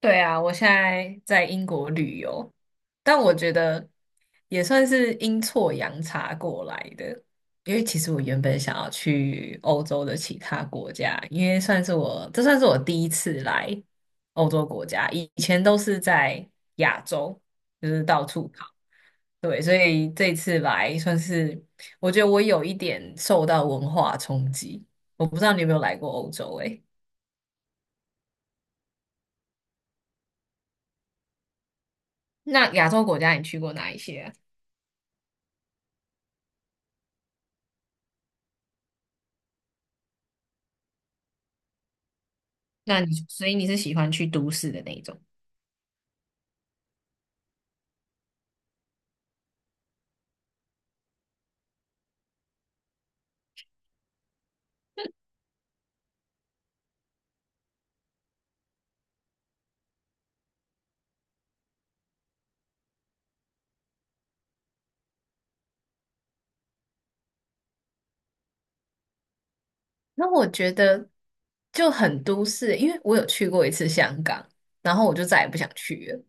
对啊，我现在在英国旅游，但我觉得也算是阴错阳差过来的。因为其实我原本想要去欧洲的其他国家，因为算是我，这算是我第一次来欧洲国家，以前都是在亚洲，就是到处跑。对，所以这一次来算是，我觉得我有一点受到文化冲击。我不知道你有没有来过欧洲、欸？诶，那亚洲国家你去过哪一些啊？那你所以你是喜欢去都市的那一种？那我觉得就很都市，因为我有去过一次香港，然后我就再也不想去了。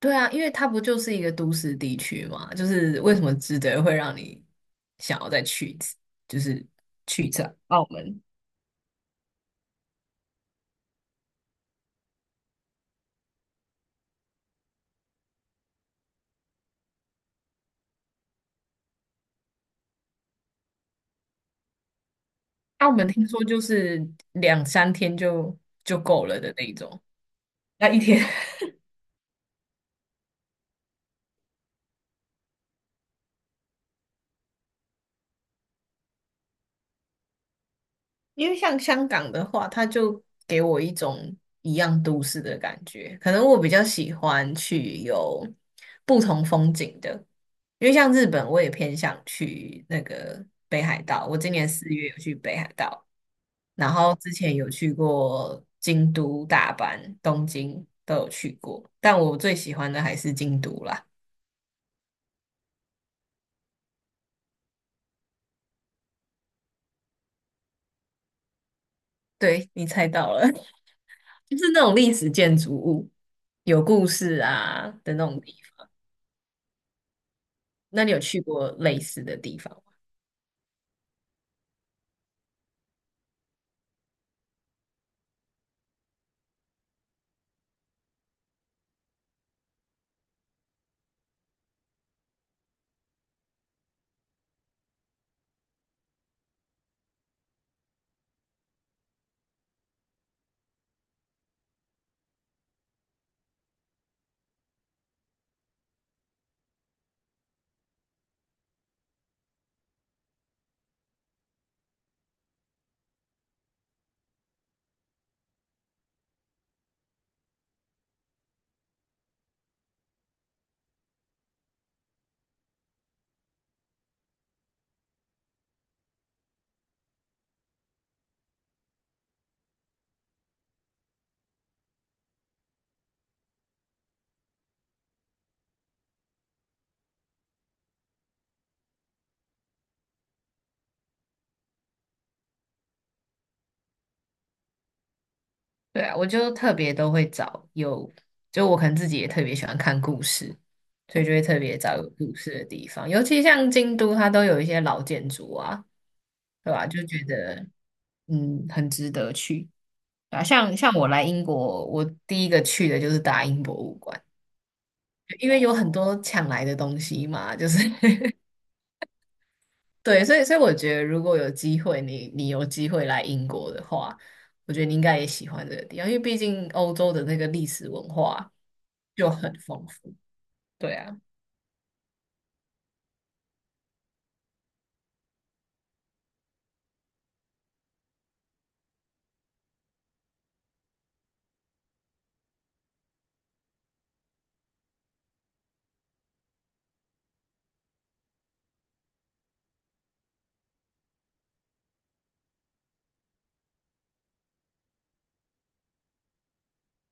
对啊，因为它不就是一个都市地区嘛，就是为什么值得会让你想要再去一次，就是去一次澳门。澳门听说就是两三天就够了的那一种，那一天因为像香港的话，它就给我一种一样都市的感觉。可能我比较喜欢去有不同风景的，因为像日本，我也偏向去那个北海道。我今年四月有去北海道，然后之前有去过京都、大阪、东京都有去过，但我最喜欢的还是京都啦。对，你猜到了，就是那种历史建筑物、有故事啊的那种地方。那你有去过类似的地方吗？对啊，我就特别都会找有，就我可能自己也特别喜欢看故事，所以就会特别找有故事的地方，尤其像京都，它都有一些老建筑啊，对吧？就觉得嗯，很值得去啊。像我来英国，我第一个去的就是大英博物馆。因为有很多抢来的东西嘛，就是 对，所以我觉得如果有机会，你有机会来英国的话，我觉得你应该也喜欢这个地方，因为毕竟欧洲的那个历史文化就很丰富。对啊，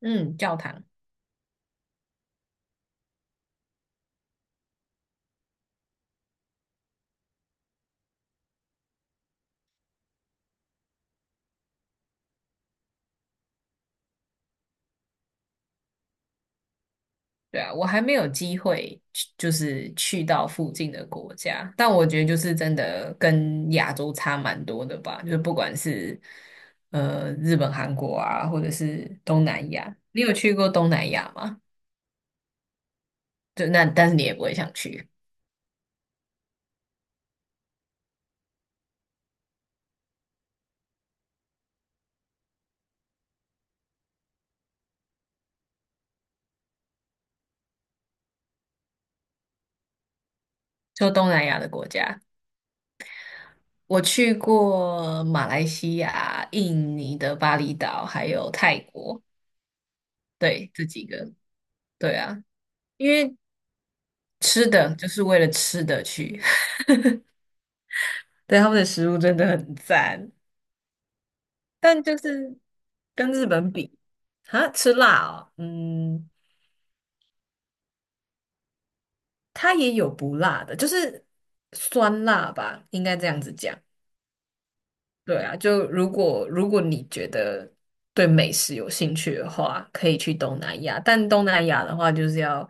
嗯，教堂。对啊，我还没有机会去，就是去到附近的国家，但我觉得就是真的跟亚洲差蛮多的吧，就是不管是日本、韩国啊，或者是东南亚，你有去过东南亚吗？对，那但是你也不会想去，就东南亚的国家。我去过马来西亚、印尼的巴厘岛，还有泰国，对，这几个，对啊，因为吃的就是为了吃的去，对，他们的食物真的很赞，但就是跟日本比，啊，吃辣哦，嗯，它也有不辣的，就是酸辣吧，应该这样子讲。对啊，就如果你觉得对美食有兴趣的话，可以去东南亚。但东南亚的话，就是要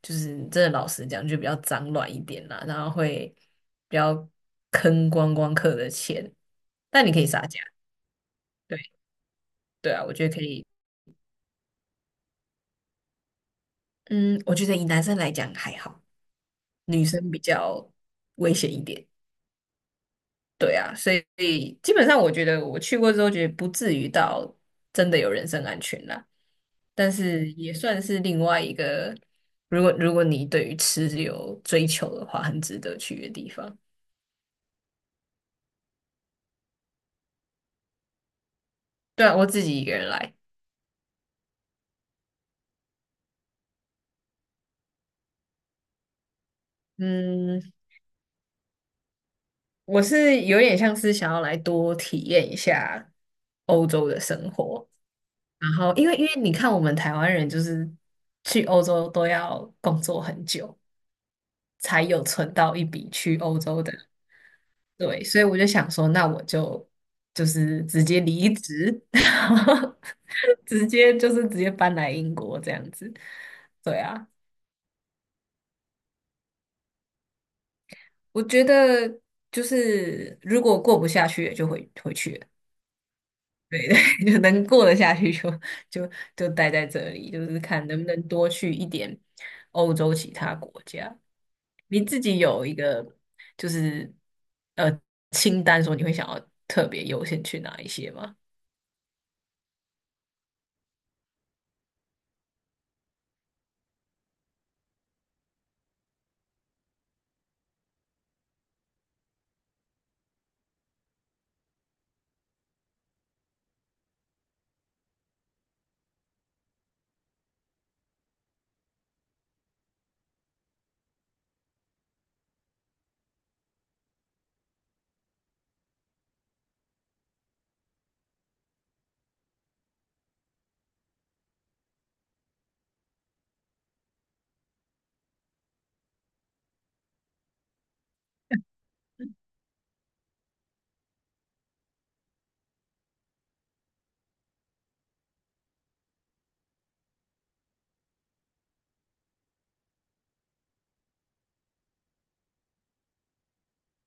就是真的老实讲，就比较脏乱一点啦，然后会比较坑观光客的钱。但你可以撒价，对。对啊，我觉得可以。嗯，我觉得以男生来讲还好，女生比较危险一点。对啊，所以基本上我觉得我去过之后，觉得不至于到真的有人身安全啦，但是也算是另外一个，如果你对于吃有追求的话，很值得去的地方。对啊，我自己一个人来，嗯，我是有点像是想要来多体验一下欧洲的生活，然后因为你看我们台湾人就是去欧洲都要工作很久。才有存到一笔去欧洲的。对，所以我就想说，那我就直接离职，然后直接就是直接搬来英国这样子。对啊，我觉得就是如果过不下去，也就回去了 就能过得下去就就待在这里，就是看能不能多去一点欧洲其他国家。你自己有一个就是呃清单，说你会想要特别优先去哪一些吗？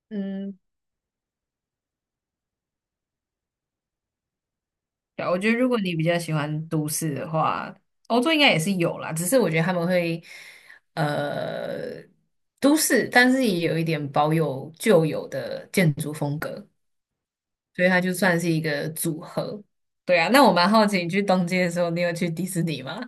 嗯。对啊我觉得如果你比较喜欢都市的话，欧洲应该也是有啦，只是我觉得他们会呃都市，但是也有一点保有旧有的建筑风格，所以它就算是一个组合。对啊，那我蛮好奇，你去东京的时候，你有去迪士尼吗？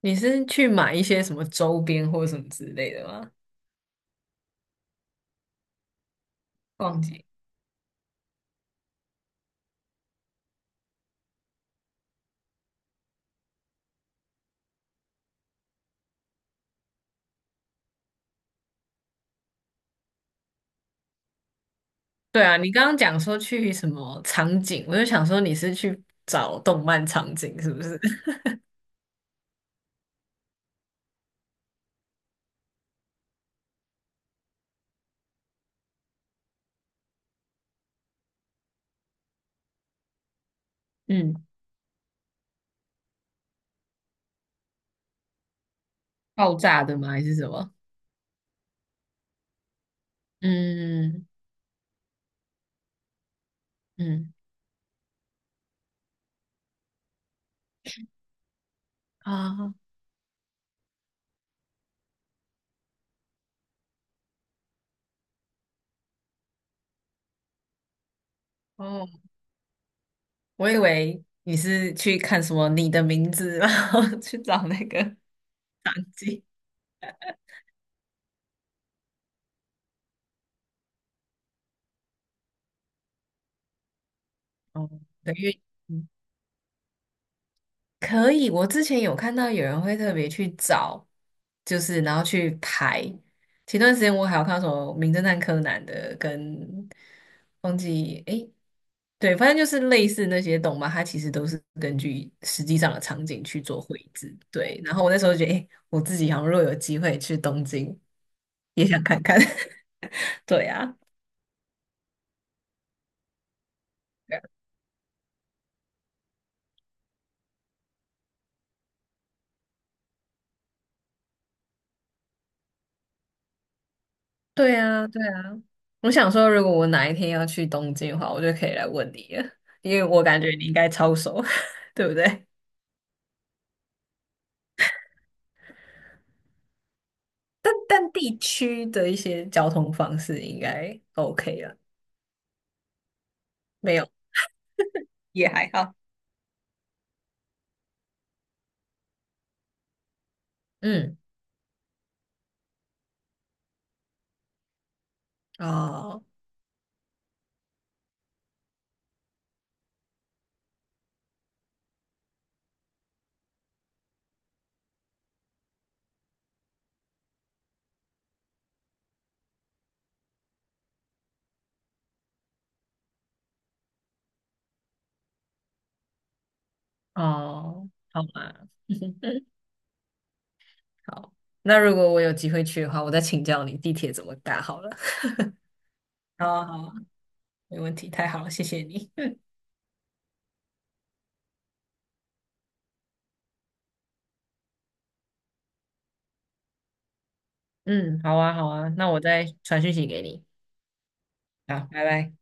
你是去买一些什么周边或什么之类的吗？逛街？对啊，你刚刚讲说去什么场景，我就想说你是去找动漫场景是不是？嗯，爆炸的吗？还是什么？嗯。嗯。啊。哦，我以为你是去看什么《你的名字》，然后去找那个 场景。哦，的因为嗯可以，我之前有看到有人会特别去找，就是然后去排。前段时间我还有看到什么《名侦探柯南》的，跟忘记诶，对，反正就是类似那些动漫，它其实都是根据实际上的场景去做绘制。对，然后我那时候就觉得，诶，我自己好像若有机会去东京，也想看看。对啊，对啊，对啊。我想说，如果我哪一天要去东京的话，我就可以来问你了，因为我感觉你应该超熟，对不对？但但地区的一些交通方式应该 OK 了，没有，也还好。嗯，哦哦，好吧，好，那如果我有机会去的话，我再请教你地铁怎么搭好了。好啊，好啊，没问题，太好了，谢谢你。嗯，好啊，好啊，那我再传讯息给你。好，拜拜。